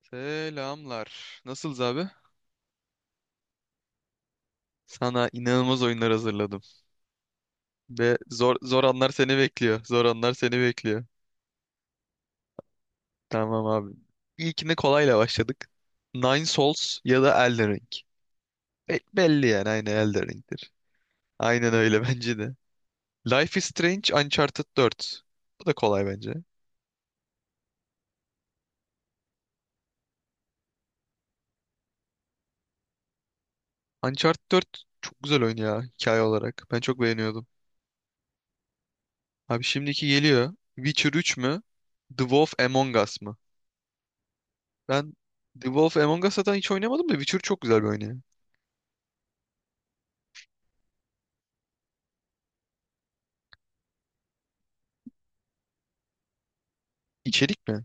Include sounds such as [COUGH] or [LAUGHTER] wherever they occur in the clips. Selamlar. Nasılız abi? Sana inanılmaz oyunlar hazırladım. Ve zor zor anlar seni bekliyor. Zor anlar seni bekliyor. Tamam abi. İlkine kolayla başladık. Nine Souls ya da Elden Ring. Belli yani aynı Elden Ring'dir. Aynen öyle [LAUGHS] bence de. Life is Strange Uncharted 4. Bu da kolay bence. Uncharted 4 çok güzel oyun ya hikaye olarak. Ben çok beğeniyordum. Abi şimdiki geliyor. Witcher üç mü? The Wolf Among Us. Ben The Wolf Among Us'tan hiç oynamadım da Witcher çok güzel bir oyun ya. İçerik mi?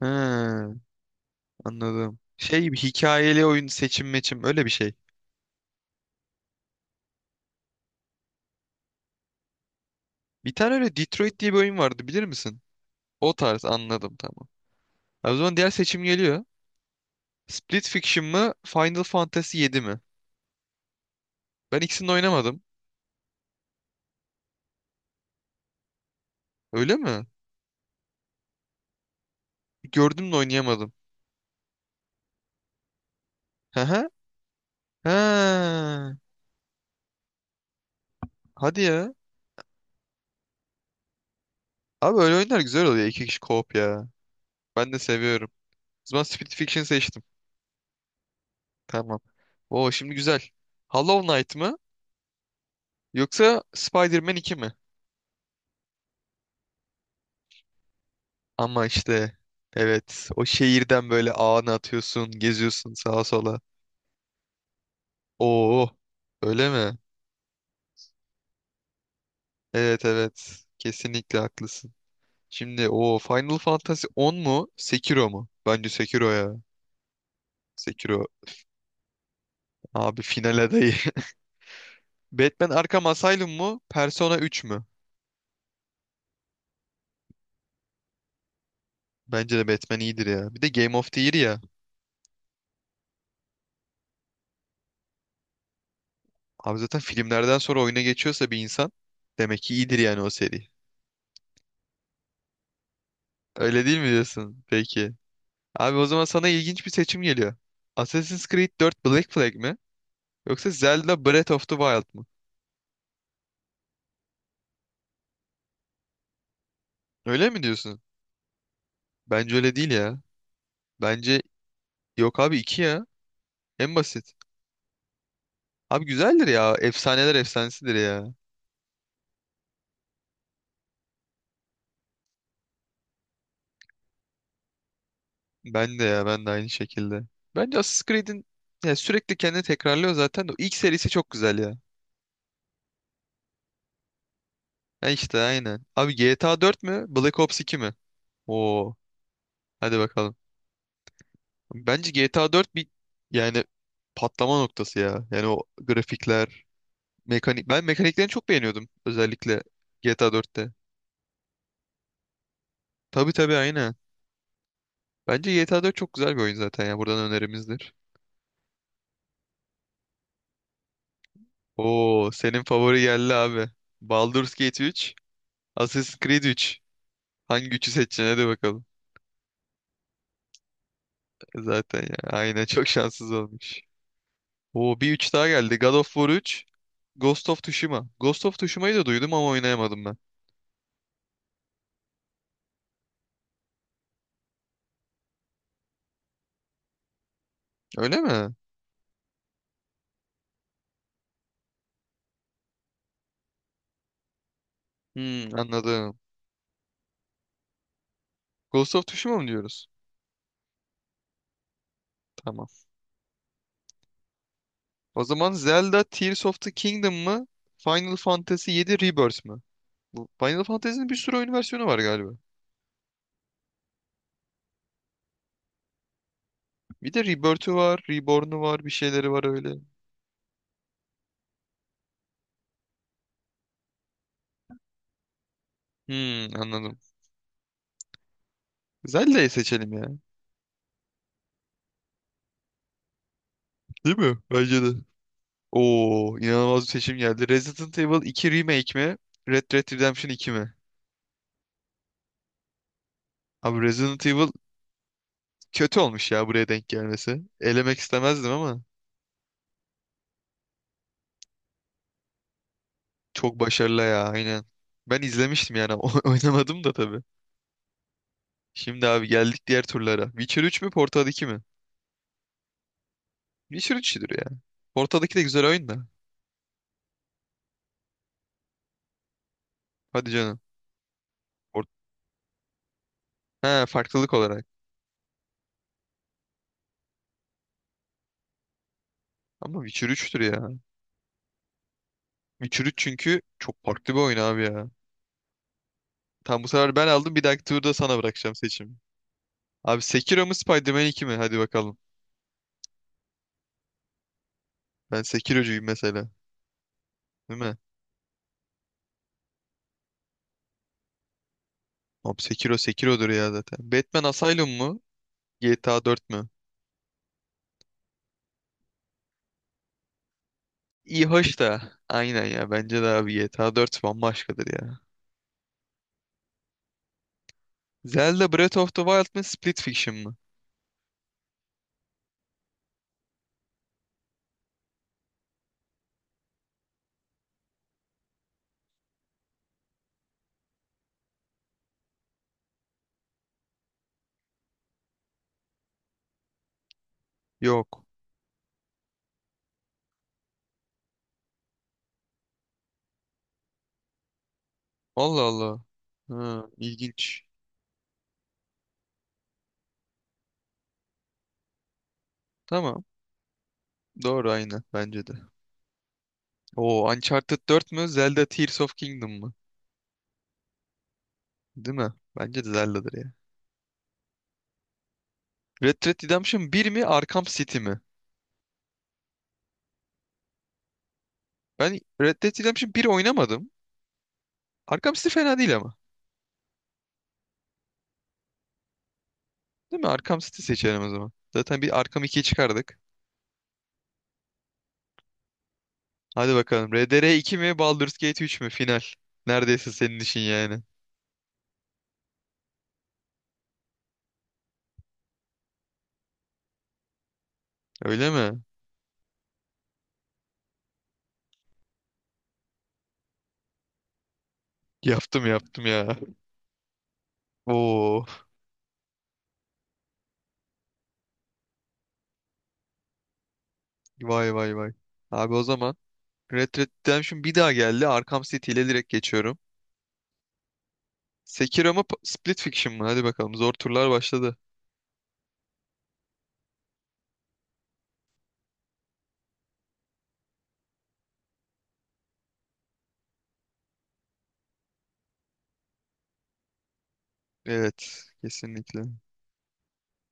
He, anladım. Şey, bir hikayeli oyun seçim meçim öyle bir şey. Bir tane öyle Detroit diye bir oyun vardı bilir misin? O tarz, anladım, tamam. Ha, o zaman diğer seçim geliyor. Split Fiction mı Final Fantasy yedi mi? Ben ikisini de oynamadım. Öyle mi? Gördüm de oynayamadım. Hı hı. Ha. Hadi ya. Abi öyle oyunlar güzel oluyor. İki kişi co-op ya. Ben de seviyorum. O zaman Split Fiction seçtim. Tamam. Oo, şimdi güzel. Hollow Knight mı? Yoksa Spider-Man 2 mi? Ama işte evet, o şehirden böyle ağını atıyorsun, geziyorsun sağa sola. Oo, öyle mi? Evet evet, kesinlikle haklısın. Şimdi o Final Fantasy 10 mu? Sekiro mu? Bence Sekiro ya. Sekiro abi, final adayı. [LAUGHS] Batman Arkham Asylum mu? Persona 3 mü? Bence de Batman iyidir ya. Bir de Game of the Year ya. Abi zaten filmlerden sonra oyuna geçiyorsa bir insan, demek ki iyidir yani o seri. Öyle değil mi diyorsun? Peki. Abi o zaman sana ilginç bir seçim geliyor. Assassin's Creed 4 Black Flag mi? Yoksa Zelda Breath of the Wild mı? Öyle mi diyorsun? Bence öyle değil ya. Bence yok abi, 2 ya. En basit. Abi güzeldir ya. Efsaneler efsanesidir ya. Ben de ya, ben de aynı şekilde. Bence Assassin's Creed'in ya, sürekli kendini tekrarlıyor zaten de. İlk serisi çok güzel ya. Ha, işte aynen. Abi GTA 4 mü? Black Ops 2 mi? Oo. Hadi bakalım. Bence GTA 4 bir yani patlama noktası ya. Yani o grafikler, mekanik. Ben mekaniklerini çok beğeniyordum özellikle GTA 4'te. Tabii tabii, aynen. Bence GTA 4 çok güzel bir oyun zaten ya. Buradan önerimizdir. Oo, senin favori geldi abi. Baldur's Gate 3, Assassin's Creed 3. Hangi üçü seçeceksin? Hadi bakalım. Zaten ya. Aynen, çok şanssız olmuş. Oo, bir üç daha geldi. God of War 3, Ghost of Tsushima. Ghost of Tsushima'yı da duydum ama oynayamadım ben. Öyle mi? Hmm, anladım. Ghost of Tsushima mı diyoruz? Tamam. O zaman Zelda Tears of the Kingdom mı? Final Fantasy yedi, Rebirth mı? Bu Final Fantasy'nin bir sürü oyun versiyonu var galiba. Bir de Rebirth'ü var, Reborn'u var, bir şeyleri var öyle. Hmm, anladım. Zelda'yı seçelim ya. Değil mi? Bence de. Oo, inanılmaz bir seçim geldi. Resident Evil iki Remake mi? Red Dead Redemption iki mi? Abi Resident Evil, kötü olmuş ya buraya denk gelmesi. Elemek istemezdim ama. Çok başarılı ya, aynen. Ben izlemiştim yani [LAUGHS] oynamadım da tabii. Şimdi abi geldik diğer turlara. Witcher üç mü Portal 2 mi? Witcher üç'tür ya. Portal 2 de güzel oyun da. Hadi canım. Port He, farklılık olarak. Ama Witcher üç'tür ya. Witcher üç, çünkü çok farklı bir oyun abi ya. Tam bu sefer ben aldım, bir dahaki turda sana bırakacağım seçimi. Abi Sekiro mu Spider-Man 2 mi? Hadi bakalım. Ben Sekirocuyum mesela. Değil mi? Abi Sekiro Sekiro'dur ya zaten. Batman Asylum mu? GTA 4 mü? İyi hoş da, aynen ya, bence de abi GTA 4 bambaşkadır ya. Zelda Breath of the Wild mı Split Fiction mı? Yok. Allah Allah. Ha, ilginç. Tamam. Doğru, aynı bence de. Oo, Uncharted dört mü Zelda Tears of Kingdom mı? Değil mi? Bence de Zelda'dır ya. Red Dead Redemption bir mi Arkham City mi? Ben Red Dead Redemption bir oynamadım. Arkham City fena değil ama. Değil mi? Arkham City seçelim o zaman. Zaten bir Arkham 2'yi çıkardık. Hadi bakalım. RDR iki mi Baldur's Gate 3 mü? Final. Neredeyse senin işin yani. Öyle mi? Yaptım yaptım ya. Oo. Vay vay vay. Abi o zaman Red Dead Redemption bir daha geldi. Arkham City ile direkt geçiyorum. Sekiro mu Split Fiction mı? Hadi bakalım. Zor turlar başladı. Evet. Kesinlikle.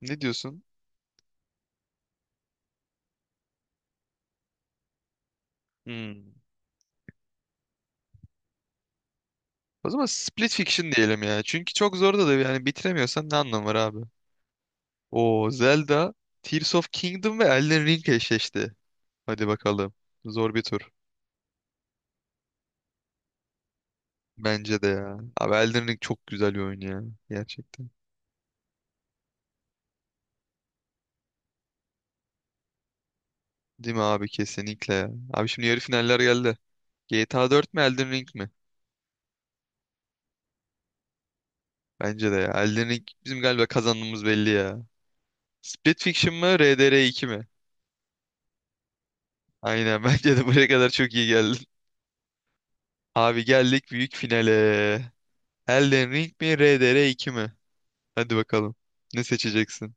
Ne diyorsun? Hmm. O zaman Split Fiction diyelim ya. Çünkü çok zor da yani, bitiremiyorsan ne anlamı var abi? Oo Zelda, Tears of Kingdom ve Elden Ring eşleşti. Hadi bakalım. Zor bir tur. Bence de ya. Abi Elden Ring çok güzel bir oyun ya. Gerçekten. Değil mi abi? Kesinlikle ya. Abi şimdi yarı finaller geldi. GTA 4 mi Elden Ring mi? Bence de ya. Elden Ring bizim galiba kazandığımız belli ya. Split Fiction mı RDR 2 mi? Aynen [LAUGHS] bence de buraya kadar çok iyi geldin. Abi geldik büyük finale. Elden Ring mi RDR 2 mi? Hadi bakalım. Ne seçeceksin?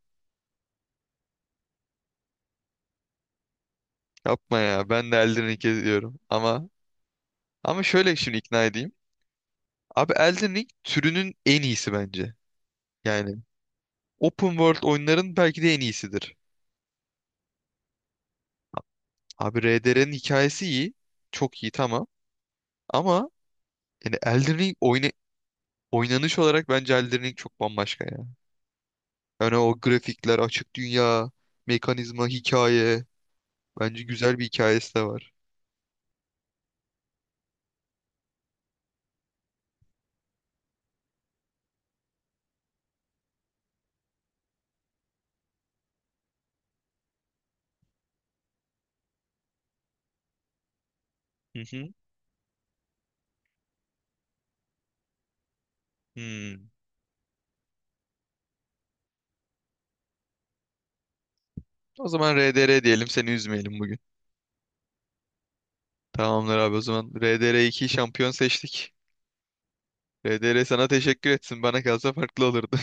Yapma ya. Ben de Elden Ring'e diyorum. Ama şöyle şimdi ikna edeyim. Abi Elden Ring türünün en iyisi bence. Yani Open World oyunların belki de en iyisidir. Abi RDR'nin hikayesi iyi. Çok iyi tamam. Ama yani Elden Ring oynanış olarak bence Elden Ring çok bambaşka ya. Yani o grafikler, açık dünya, mekanizma, hikaye. Bence güzel bir hikayesi de var. Hı hı. Hmm. O zaman RDR diyelim, seni üzmeyelim bugün. Tamamdır abi, o zaman RDR 2 şampiyon seçtik. RDR sana teşekkür etsin. Bana kalsa farklı olurdu.